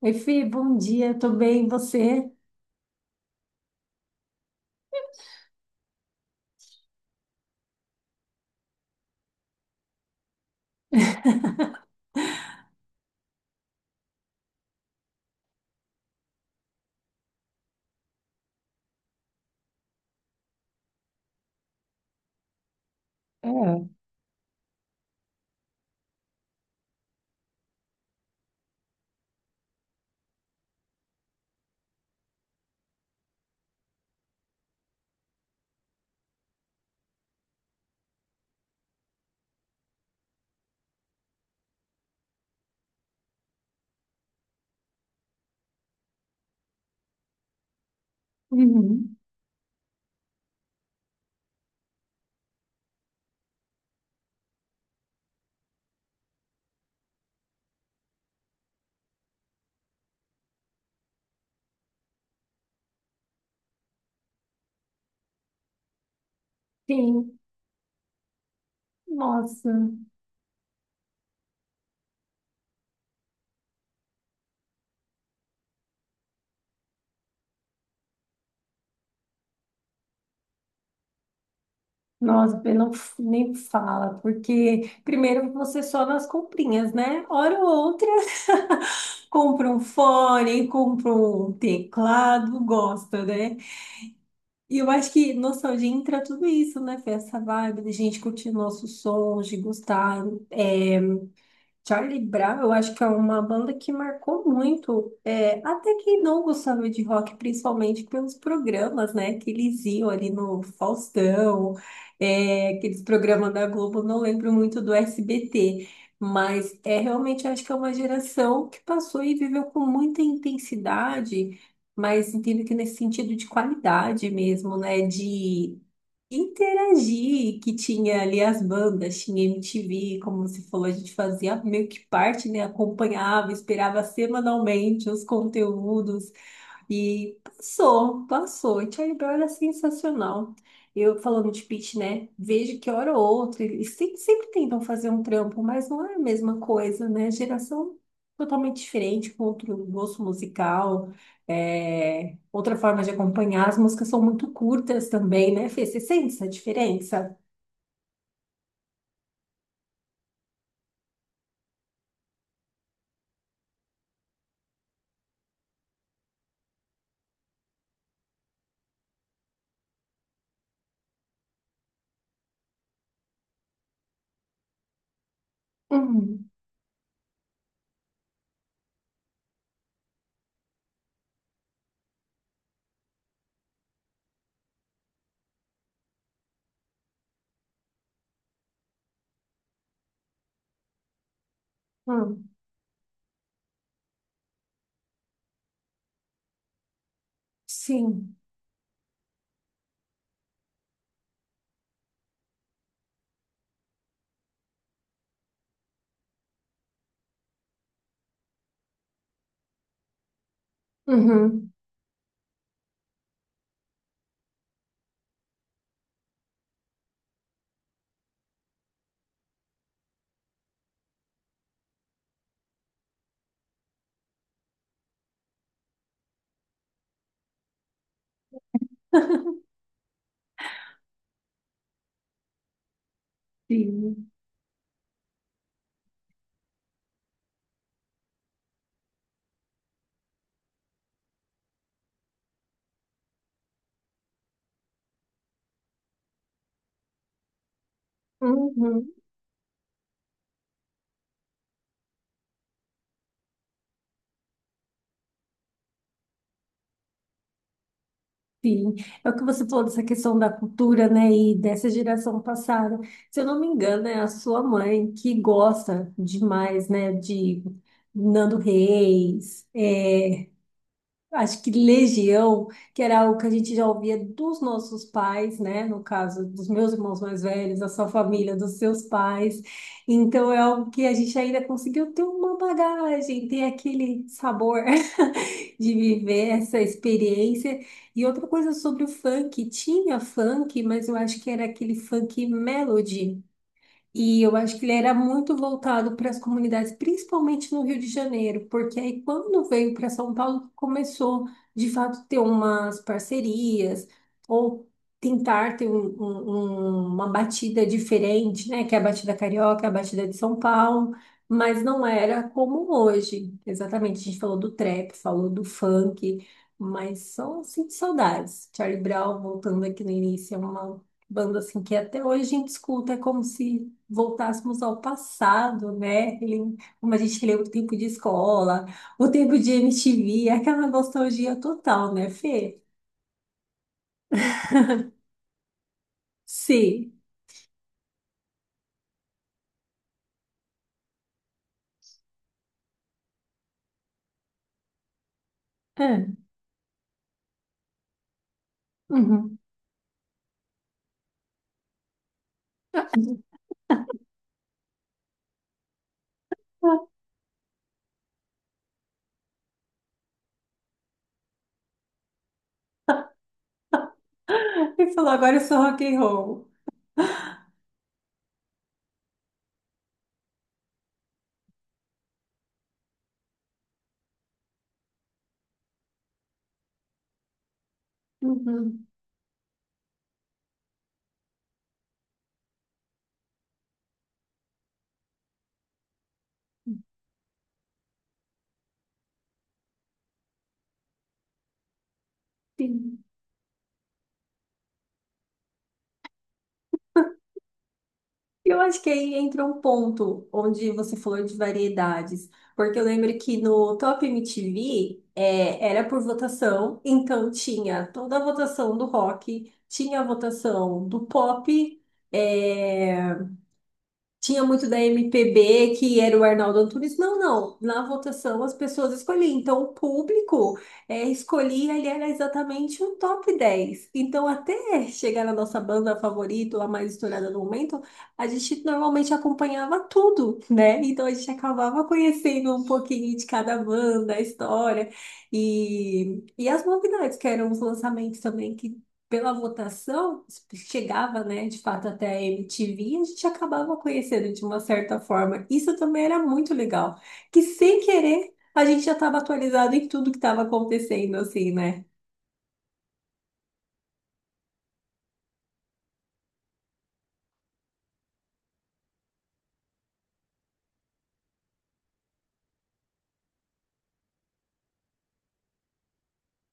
Oi, Fê, bom dia, tô bem, e você? É. Uhum. Sim, nossa, nossa, Fê, nem fala, porque primeiro você só nas comprinhas, né? Hora ou outra, compra um fone, compra um teclado, gosta, né? E eu acho que nostalgia entra tudo isso, né, Fê? Essa vibe de gente curtir nossos sons, de gostar, é, Charlie Brown, eu acho que é uma banda que marcou muito, é, até quem não gostava de rock, principalmente pelos programas, né, que eles iam ali no Faustão, é, aqueles programas da Globo, não lembro muito do SBT, mas é realmente acho que é uma geração que passou e viveu com muita intensidade, mas entendo que nesse sentido de qualidade mesmo, né, de interagir, que tinha ali as bandas, tinha MTV, como você falou, a gente fazia meio que parte, né? Acompanhava, esperava semanalmente os conteúdos. E passou, passou. E Charlie Brown era sensacional. Eu falando de Pitch, né? Vejo que hora ou outra, eles sempre tentam fazer um trampo, mas não é a mesma coisa, né? Geração totalmente diferente, com outro gosto musical, é, outra forma de acompanhar. As músicas são muito curtas também, né, Fê? Você sente essa diferença? Uhum, uhum, sim. Uhum, sim. Uhum. Sim, é o que você falou dessa questão da cultura, né, e dessa geração passada. Se eu não me engano, é a sua mãe que gosta demais, né, de Nando Reis, é, acho que Legião, que era algo que a gente já ouvia dos nossos pais, né, no caso dos meus irmãos mais velhos, da sua família, dos seus pais. Então é algo que a gente ainda conseguiu ter uma bagagem, ter aquele sabor de viver essa experiência. E outra coisa sobre o funk, tinha funk, mas eu acho que era aquele funk melody. E eu acho que ele era muito voltado para as comunidades, principalmente no Rio de Janeiro, porque aí quando veio para São Paulo, começou de fato ter umas parcerias ou tentar ter uma batida diferente, né? Que é a batida carioca, a batida de São Paulo, mas não era como hoje. Exatamente, a gente falou do trap, falou do funk, mas só sinto saudades. Charlie Brown, voltando aqui no início, é uma banda assim que até hoje a gente escuta, é como se voltássemos ao passado, né? Como a gente lembra o tempo de escola, o tempo de MTV, aquela nostalgia total, né, Fê? Sim. É. Uhum. Ele falou, agora eu sou rock and roll. Uhum. Sim. Eu acho que aí entra um ponto onde você falou de variedades, porque eu lembro que no Top MTV é, era por votação, então tinha toda a votação do rock, tinha a votação do pop, é, tinha muito da MPB, que era o Arnaldo Antunes. Não, não. Na votação as pessoas escolhiam. Então, o público é, escolhia, ele era exatamente o top 10. Então, até chegar na nossa banda favorita, ou a mais estourada no momento, a gente normalmente acompanhava tudo, né? Então, a gente acabava conhecendo um pouquinho de cada banda, a história e as novidades, que eram os lançamentos também, que pela votação, chegava, né, de fato até a MTV e a gente acabava conhecendo de uma certa forma. Isso também era muito legal, que sem querer a gente já estava atualizado em tudo que estava acontecendo, assim, né?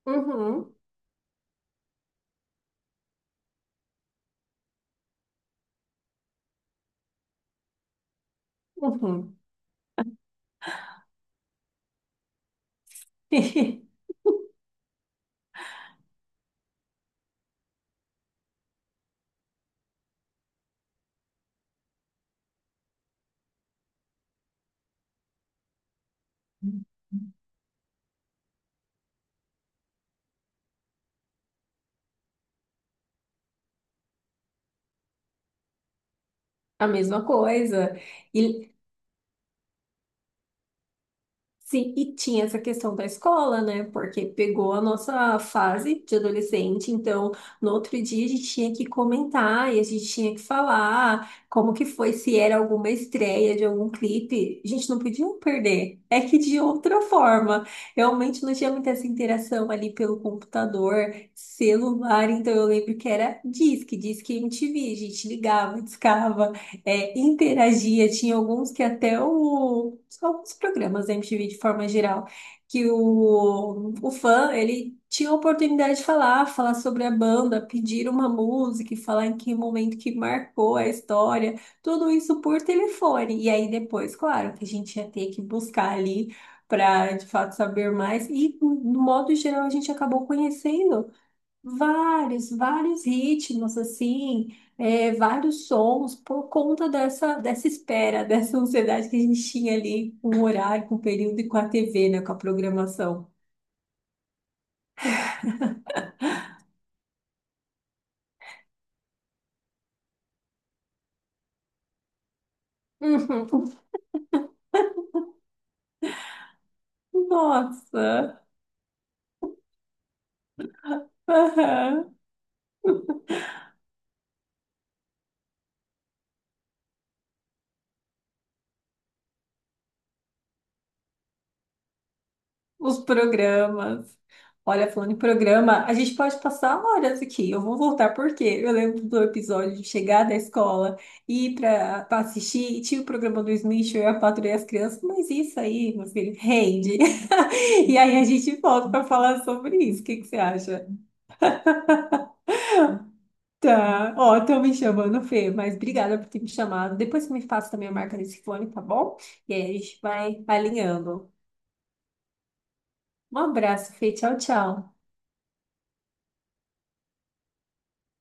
Uhum, uhum. A mesma coisa. E, sim, e tinha essa questão da escola, né? Porque pegou a nossa fase de adolescente, então no outro dia a gente tinha que comentar e a gente tinha que falar como que foi, se era alguma estreia de algum clipe. A gente não podia perder. É que de outra forma, realmente não tinha muita essa interação ali pelo computador, celular, então eu lembro que era disque MTV, a gente ligava, discava é, interagia. Tinha alguns que até o, alguns programas da MTV de forma geral, que o fã, ele tinha a oportunidade de falar, falar sobre a banda, pedir uma música, e falar em que momento que marcou a história, tudo isso por telefone. E aí depois, claro, que a gente ia ter que buscar ali para de fato saber mais. E, no modo geral, a gente acabou conhecendo. Vários ritmos, assim, é, vários sons, por conta dessa, dessa espera, dessa ansiedade que a gente tinha ali com o horário, com o período e com a TV, né, com a programação. Uhum. Nossa! Aham. Os programas. Olha, falando em programa, a gente pode passar horas aqui. Eu vou voltar porque eu lembro do episódio de chegar da escola, ir para assistir, e tinha o programa do Smith, eu e a Patrulha e as crianças, mas isso aí, meu filho, rende. E aí a gente volta para falar sobre isso. O que que você acha? Tá, ó, estão me chamando, Fê, mas obrigada por ter me chamado. Depois você me passa também a marca desse fone, tá bom? E aí a gente vai alinhando. Um abraço, Fê. Tchau, tchau.